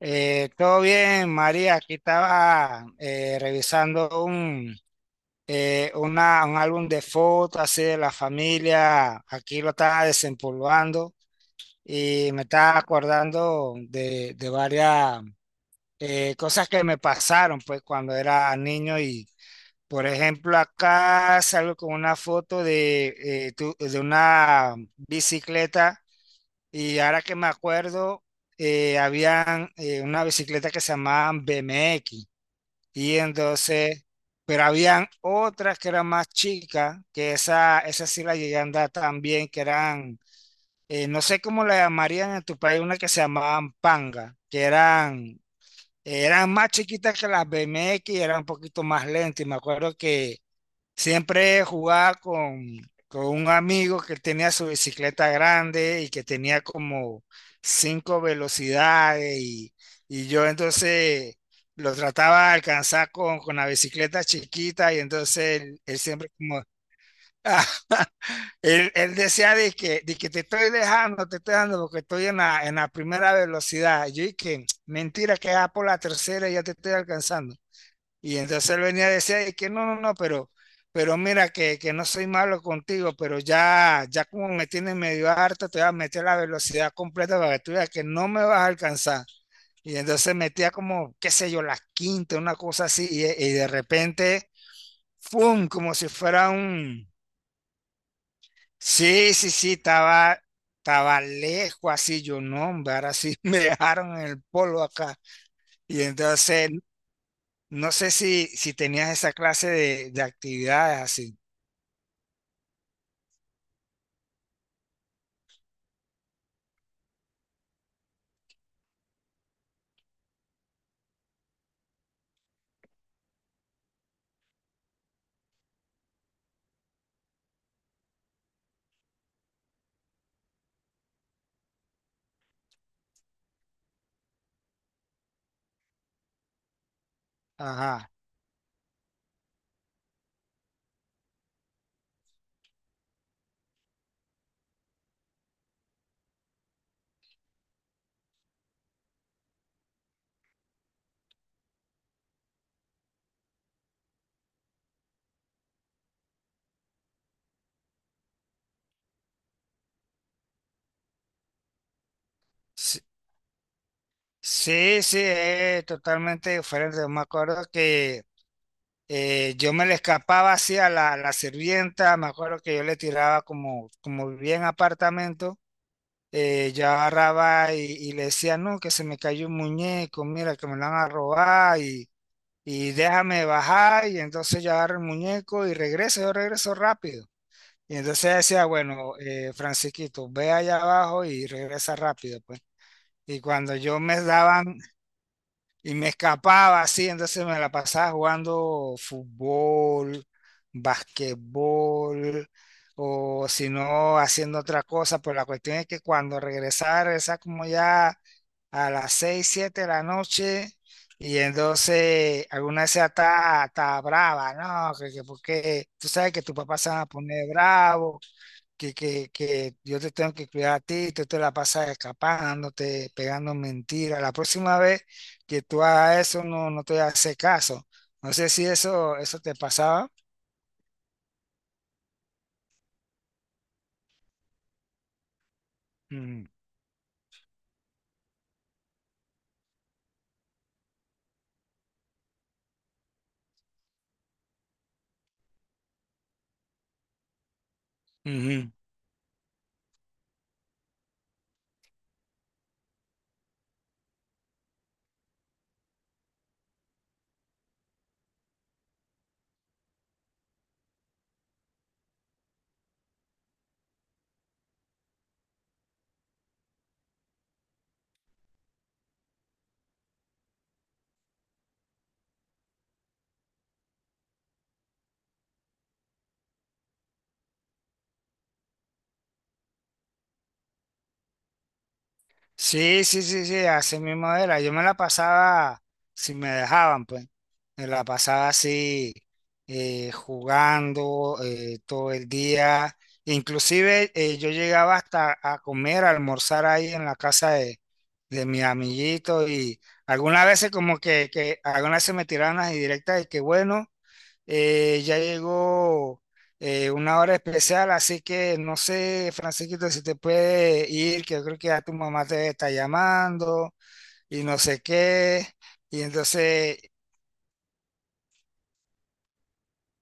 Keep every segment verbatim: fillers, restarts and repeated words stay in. Eh, todo bien, María. Aquí estaba eh, revisando un, eh, una- un álbum de fotos así de la familia. Aquí lo estaba desempolvando y me estaba acordando de, de varias eh, cosas que me pasaron pues cuando era niño. Y por ejemplo acá salgo con una foto de, eh, tu- de una bicicleta, y ahora que me acuerdo, eh, habían eh, una bicicleta que se llamaban B M X. Y entonces, pero habían otras que eran más chicas, que esa, esa sí la llegué a andar también, que eran, eh, no sé cómo la llamarían en tu país, una que se llamaban Panga, que eran, eran más chiquitas que las B M X, eran un poquito más lentas. Y me acuerdo que siempre jugaba con, con un amigo que tenía su bicicleta grande y que tenía como cinco velocidades, y, y yo entonces lo trataba de alcanzar con, con la bicicleta chiquita, y entonces él, él siempre como, él, él decía de que, de que te estoy dejando, te estoy dejando porque estoy en la, en la primera velocidad. Yo dije, mentira, que ya por la tercera ya te estoy alcanzando. Y entonces él venía a decir, "Ay, que no, no, no, pero, pero mira que, que no soy malo contigo, pero ya, ya como me tienes medio harta, te voy a meter la velocidad completa para que tú veas que no me vas a alcanzar." Y entonces metía como, qué sé yo, la quinta, una cosa así, y, y de repente, ¡fum! Como si fuera un... Sí, sí, sí, estaba, estaba lejos así, yo no, hombre, ahora sí me dejaron en el polo acá. Y entonces, no sé si, si tenías esa clase de, de actividades así. Ajá. Sí, sí, sí, es totalmente diferente. Yo me acuerdo que eh, yo me le escapaba así a la, la sirvienta. Me acuerdo que yo le tiraba como, como vivía en apartamento. Eh, yo agarraba y, y le decía, no, que se me cayó un muñeco, mira, que me lo van a robar, y, y déjame bajar. Y entonces yo agarro el muñeco y regreso, yo regreso rápido. Y entonces decía, bueno, eh, Francisquito, ve allá abajo y regresa rápido, pues. Y cuando yo me daban y me escapaba así, entonces me la pasaba jugando fútbol, basquetbol, o si no, haciendo otra cosa. Pero la cuestión es que cuando regresaba, regresaba como ya a las seis siete de la noche. Y entonces alguna vez está hasta brava, ¿no? Que, que porque tú sabes que tu papá se va a poner bravo que, que, que yo te tengo que cuidar a ti, tú te la pasas escapándote, pegando mentiras. La próxima vez que tú hagas eso, no, no te hace caso. No sé si eso, eso te pasaba. Ujú, ujú. Sí, sí, sí, sí, así mismo era. Yo me la pasaba, si me dejaban, pues, me la pasaba así, eh, jugando eh, todo el día. Inclusive eh, yo llegaba hasta a comer, a almorzar ahí en la casa de, de mi amiguito, y algunas veces como que, que algunas veces me tiraban las indirectas de que bueno. Eh, ya llegó eh, una hora especial, así que no sé, Francisquito, si te puede ir, que yo creo que ya tu mamá te está llamando y no sé qué. Y entonces,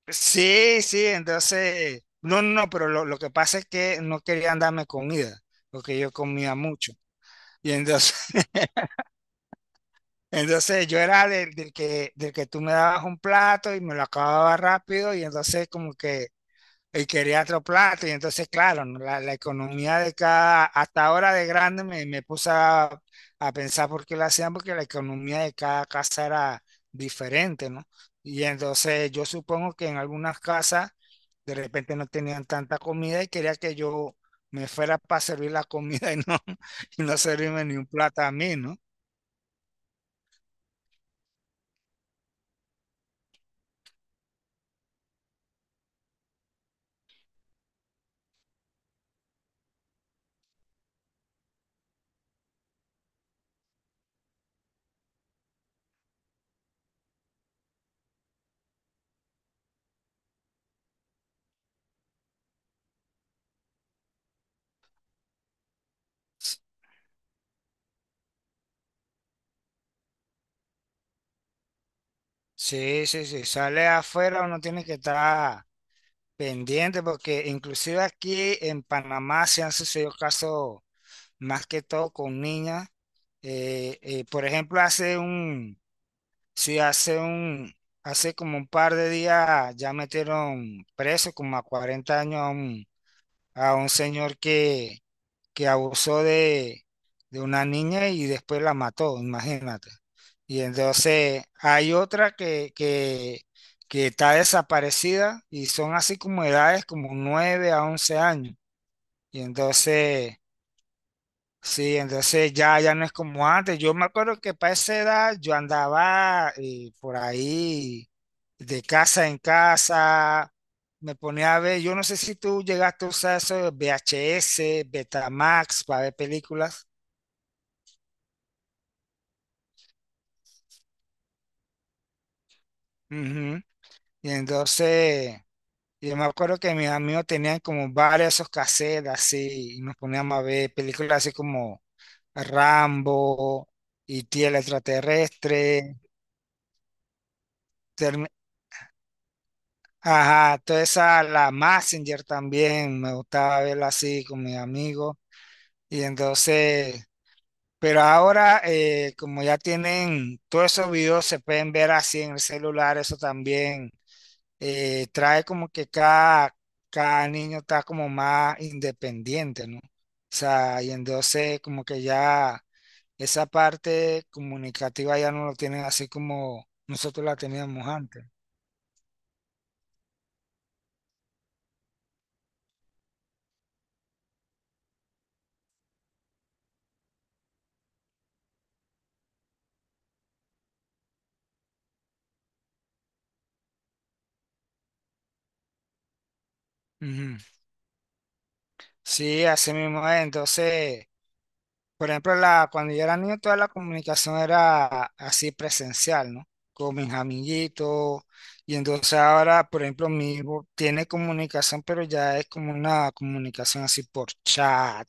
sí, sí, entonces, no, no, pero lo, lo que pasa es que no querían darme comida, porque yo comía mucho. Y entonces, entonces yo era del, del que, del que tú me dabas un plato y me lo acababa rápido, y entonces como que y quería otro plato. Y entonces, claro, ¿no? La, la economía de cada, hasta ahora de grande me, me puse a, a pensar por qué lo hacían, porque la economía de cada casa era diferente, ¿no? Y entonces yo supongo que en algunas casas de repente no tenían tanta comida y quería que yo me fuera para servir la comida, y no, y no servirme ni un plato a mí, ¿no? Sí, sí, sí, sale afuera, uno tiene que estar pendiente, porque inclusive aquí en Panamá se han sucedido casos más que todo con niñas. Eh, eh, por ejemplo, hace un, sí, hace un, hace como un par de días ya metieron preso como a cuarenta años a un, a un señor que, que abusó de, de una niña y después la mató, imagínate. Y entonces hay otra que, que, que está desaparecida, y son así como edades como nueve a once años. Y entonces, sí, entonces ya, ya no es como antes. Yo me acuerdo que para esa edad yo andaba eh, por ahí de casa en casa, me ponía a ver, yo no sé si tú llegaste a usar eso de V H S, Betamax para ver películas. Ujú. Y entonces, yo me acuerdo que mis amigos tenían como varias esos cassettes así, y nos poníamos a ver películas así como Rambo, y el extraterrestre, Termi- ajá, toda esa, la Messenger también, me gustaba verla así con mis amigos. Y entonces, pero ahora, eh, como ya tienen todos esos videos, se pueden ver así en el celular, eso también eh, trae como que cada, cada niño está como más independiente, ¿no? O sea, y entonces como que ya esa parte comunicativa ya no lo tienen así como nosotros la teníamos antes. Ujú. Sí, así mismo es. Entonces... Por ejemplo, la, cuando yo era niño, toda la comunicación era así presencial, ¿no? Con mis amiguitos. Y entonces ahora, por ejemplo, mi hijo tiene comunicación, pero ya es como una comunicación así por chat,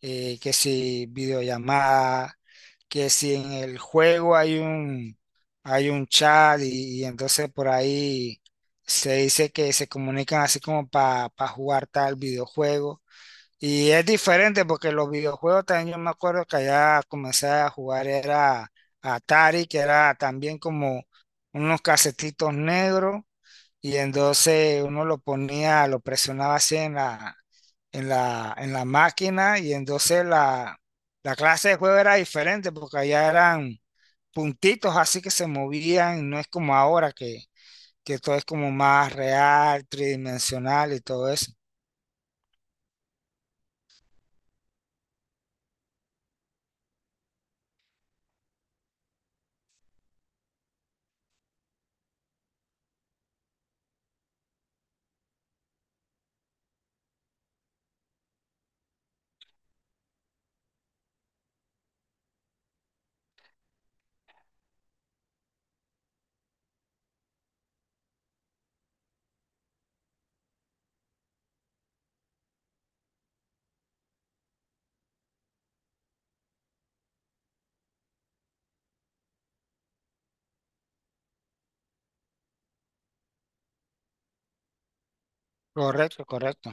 eh, que si videollamada, que si en el juego hay un, hay un chat, y, y entonces por ahí se dice que se comunican así como para jugar tal videojuego. Y es diferente porque los videojuegos también yo me acuerdo que allá comencé a jugar era Atari, que era también como unos casetitos negros, y entonces uno lo ponía, lo presionaba así en la, en la, en la máquina, y entonces la, la clase de juego era diferente porque allá eran puntitos así que se movían, no es como ahora que, que todo es como más real, tridimensional y todo eso. Correcto, correcto.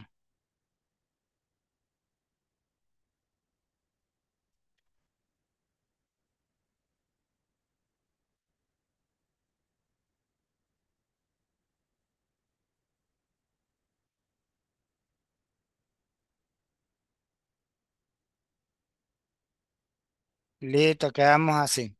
Listo, quedamos así.